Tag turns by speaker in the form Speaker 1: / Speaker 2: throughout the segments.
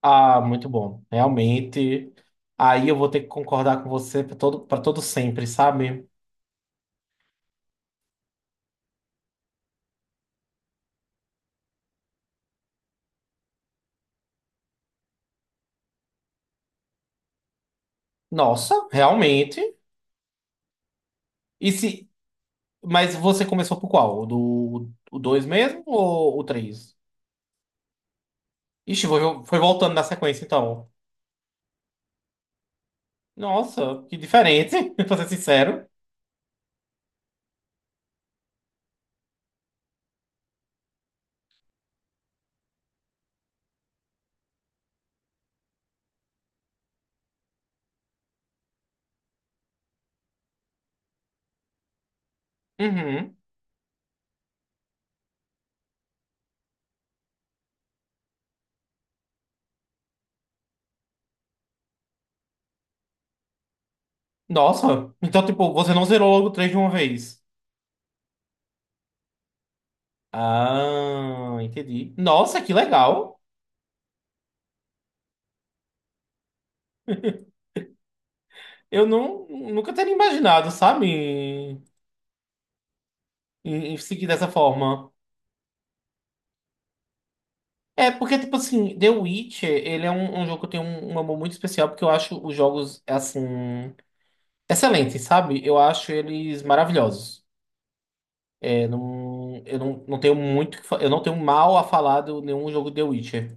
Speaker 1: Ah, muito bom. Realmente. Aí eu vou ter que concordar com você para todo sempre, sabe? Nossa, realmente. E se... Mas você começou por qual? O 2 mesmo ou o 3? Ixi, foi voltando na sequência, então. Nossa, que diferente, pra ser sincero. Uhum. Nossa, então, tipo, você não zerou logo o 3 de uma vez. Ah, entendi. Nossa, que legal. Eu não, nunca teria imaginado, sabe? Em seguir dessa forma. É, porque, tipo assim, The Witcher, ele é um jogo que eu tenho um amor muito especial, porque eu acho os jogos, assim, excelentes, sabe? Eu acho eles maravilhosos. É, não, eu não, não tenho muito, eu não tenho mal a falar de nenhum jogo The Witcher.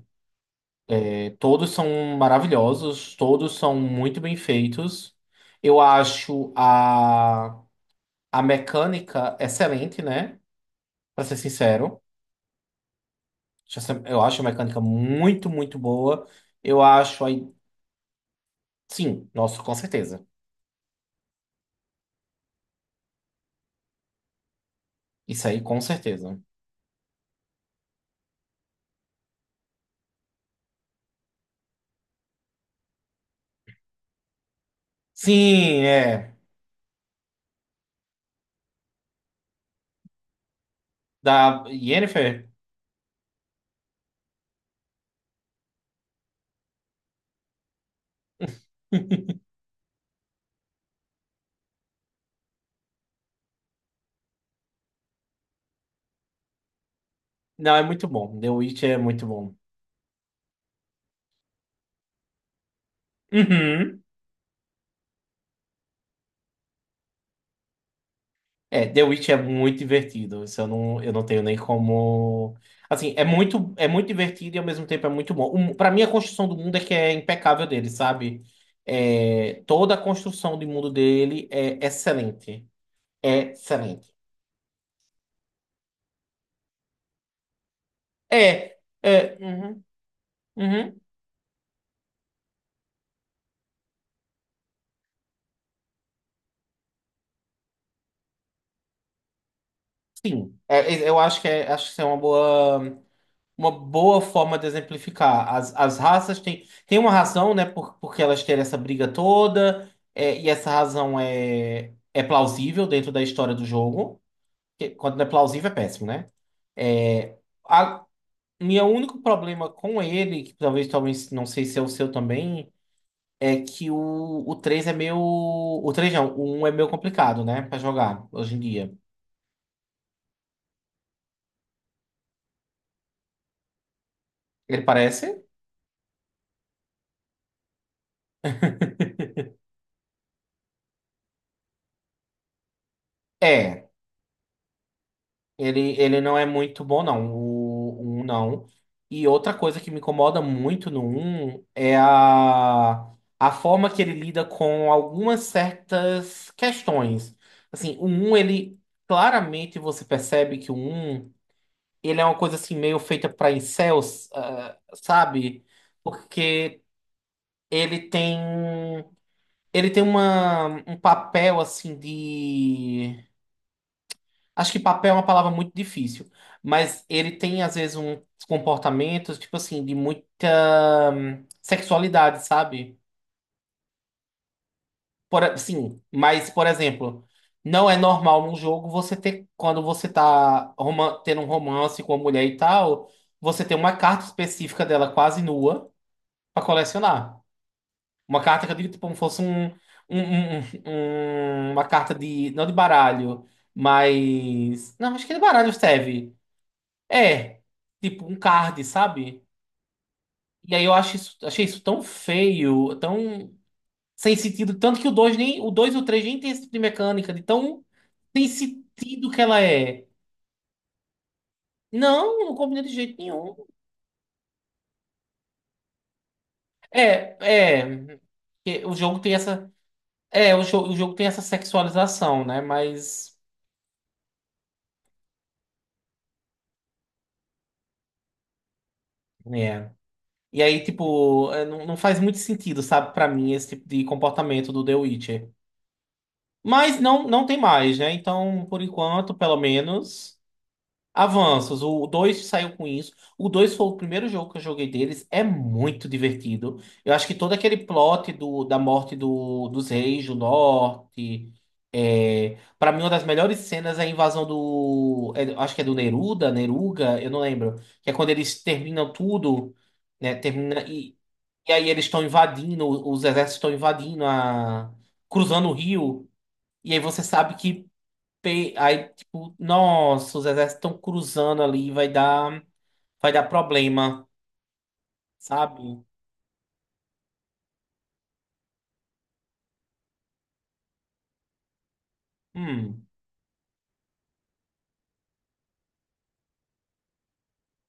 Speaker 1: É, todos são maravilhosos, todos são muito bem feitos. Eu acho a, a mecânica excelente, né? Pra ser sincero. Eu acho a mecânica muito boa. Eu acho aí, sim, nossa, com certeza. Isso aí, com certeza. Sim, é. Da Yennefer? Não, é muito bom. The Witch é muito bom. Uhum. É, The Witch é muito divertido. Eu não tenho nem como. Assim, é muito divertido e ao mesmo tempo é muito bom. Um, para mim, a construção do mundo é que é impecável dele, sabe? É, toda a construção do mundo dele é excelente. É excelente. É, é. Uhum, uhum, sim. É, eu acho que é, acho que isso é uma boa, uma boa forma de exemplificar. As raças têm, têm uma razão, né? Por, porque elas terem essa briga toda, é, e essa razão é, é plausível dentro da história do jogo. Que quando não é plausível, é péssimo, né? É, a, meu único problema com ele, que talvez, não sei se é o seu também, é que o 3 é meio. O 3 não, o um é meio complicado, né? Pra jogar hoje em dia. Ele parece? É. Ele não é muito bom, não. O um não. E outra coisa que me incomoda muito no um é a forma que ele lida com algumas certas questões. Assim, o 1, ele claramente você percebe que o 1, ele é uma coisa assim meio feita para incels, sabe? Porque ele tem, ele tem uma, um papel assim de... Acho que papel é uma palavra muito difícil, mas ele tem, às vezes, uns comportamentos, tipo assim, de muita sexualidade, sabe? Por, sim, mas, por exemplo, não é normal num jogo você ter, quando você tá tendo um romance com uma mulher e tal, você ter uma carta específica dela quase nua pra colecionar. Uma carta que eu digo, tipo, como fosse um- um- uma carta de, não de baralho, mas... Não, acho que de baralho serve. É, tipo um card, sabe? E aí eu acho isso, achei isso tão feio, tão sem sentido, tanto que o 2 e o 3 nem tem esse tipo de mecânica, de tão sem sentido que ela é. Não, não combina de jeito nenhum. É, é, que o jogo tem essa, é, o jogo tem essa sexualização, né? Mas é. E aí, tipo, é, não, não faz muito sentido, sabe, pra mim esse tipo de comportamento do The Witcher. Mas não, não tem mais, né? Então, por enquanto, pelo menos... Avanços, o 2 saiu com isso. O 2 foi o primeiro jogo que eu joguei deles. É muito divertido. Eu acho que todo aquele plot do, da morte do, dos reis do norte. É, para mim, uma das melhores cenas é a invasão do, é, acho que é do Neruda, Neruga, eu não lembro. Que é quando eles terminam tudo, né? Termina, e aí eles estão invadindo, os exércitos estão invadindo a, cruzando o rio. E aí você sabe que aí, tipo, nossa, os exércitos estão cruzando ali, vai dar problema, sabe? Hum,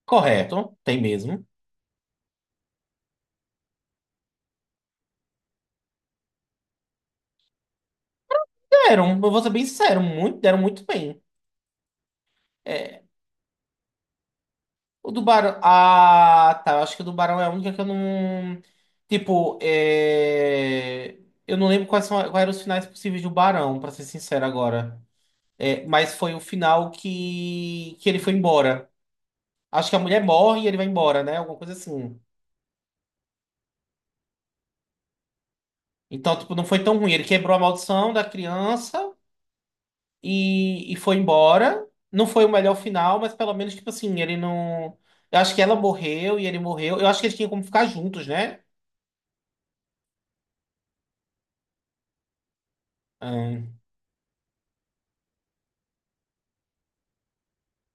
Speaker 1: correto, tem mesmo. Deram, eu vou ser bem sincero, muito, deram muito bem. É, o do Barão. Ah, tá. Eu acho que o do Barão é a única que eu não. Tipo, é, eu não lembro quais são, quais eram os finais possíveis do Barão, pra ser sincero agora. É, mas foi o final que ele foi embora. Acho que a mulher morre e ele vai embora, né? Alguma coisa assim. Então, tipo, não foi tão ruim. Ele quebrou a maldição da criança e foi embora. Não foi o melhor final, mas pelo menos, tipo assim, ele não... Eu acho que ela morreu e ele morreu. Eu acho que eles tinham como ficar juntos, né? Hum,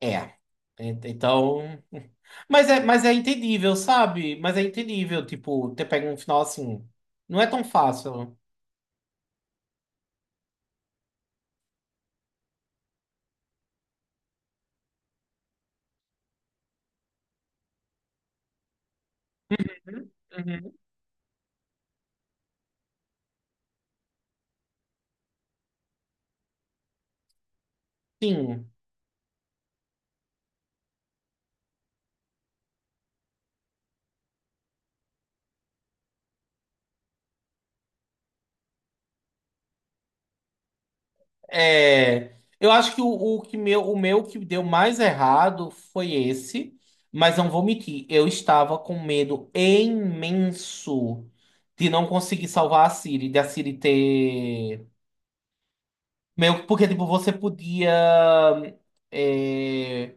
Speaker 1: é. Então. Mas é entendível, sabe? Mas é entendível, tipo, ter pego um final assim. Não é tão fácil. Uhum. Uhum. Sim. É, eu acho que o, o meu que deu mais errado foi esse, mas não vou mentir, eu estava com medo imenso de não conseguir salvar a Siri, de a Siri ter meio que porque tipo você podia é,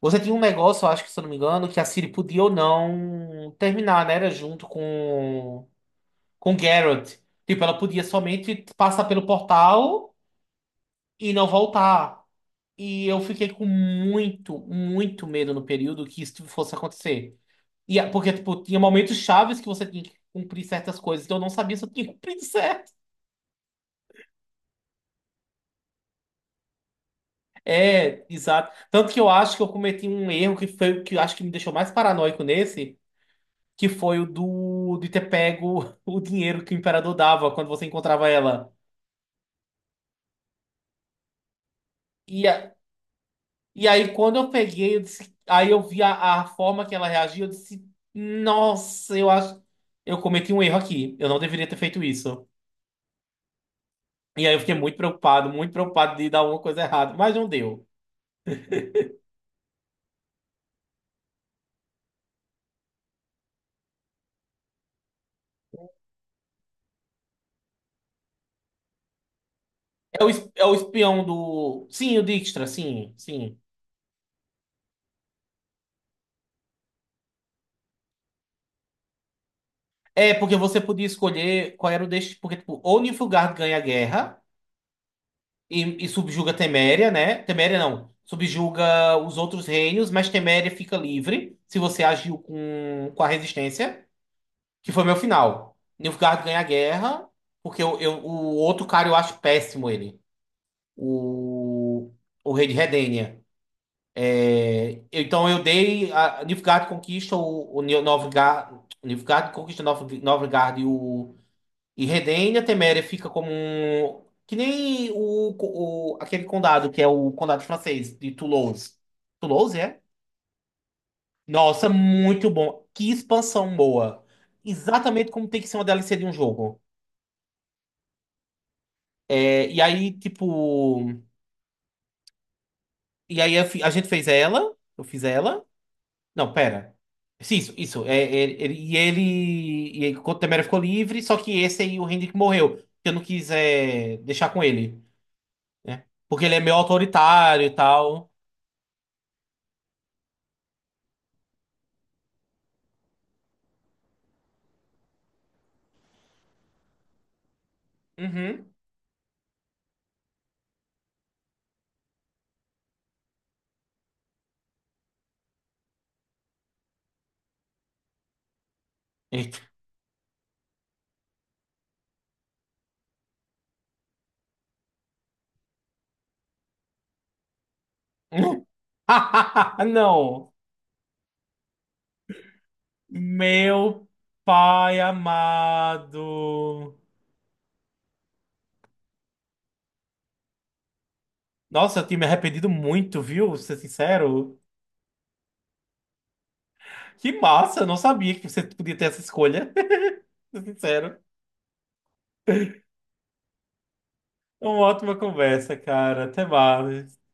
Speaker 1: você tinha um negócio, eu acho que se eu não me engano, que a Siri podia ou não terminar, né? Era junto com Garrett. Tipo, ela podia somente passar pelo portal e não voltar. E eu fiquei com muito medo no período que isso fosse acontecer. E, porque, tipo, tinha momentos chaves que você tinha que cumprir certas coisas, então eu não sabia se eu tinha cumprido certo. É, exato. Tanto que eu acho que eu cometi um erro que foi o que eu acho que me deixou mais paranoico nesse, que foi o do de ter pego o dinheiro que o imperador dava quando você encontrava ela. E, e aí, quando eu peguei, aí eu vi a forma que ela reagiu, eu disse, nossa, eu acho, eu cometi um erro aqui, eu não deveria ter feito isso. E aí eu fiquei muito preocupado de dar alguma coisa errada, mas não deu. É o espião do... Sim, o Dijkstra, sim, sim. É, porque você podia escolher qual era o destino, porque, tipo, ou Nilfgaard ganha a guerra e subjuga Teméria, né? Teméria não, subjuga os outros reinos, mas Teméria fica livre se você agiu com a resistência. Que foi meu final. Nilfgaard ganha a guerra, porque eu, o outro cara eu acho péssimo ele. O, o rei de Redênia. É, então eu dei. A, Nilfgaard conquista Nilfgaard conquista Novgard e o e Redênia. Teméria fica como um. Que nem aquele condado, que é o condado francês, de Toulouse. Toulouse, é? Nossa, muito bom. Que expansão boa. Exatamente como tem que ser uma DLC de um jogo. É, e aí, tipo. E aí a gente fez ela. Eu fiz ela. Não, pera. Sim, isso. É, é, e ele. E aí, o Temera ficou livre, só que esse aí, o Hendrik morreu. Que eu não quis é, deixar com ele. Né? Porque ele é meio autoritário e tal. Uhum. Eita. Não. Meu pai amado. Nossa, eu tinha me arrependido muito, viu? Ser sincero. Que massa, eu não sabia que você podia ter essa escolha. Tô sincero. Uma ótima conversa, cara. Até mais.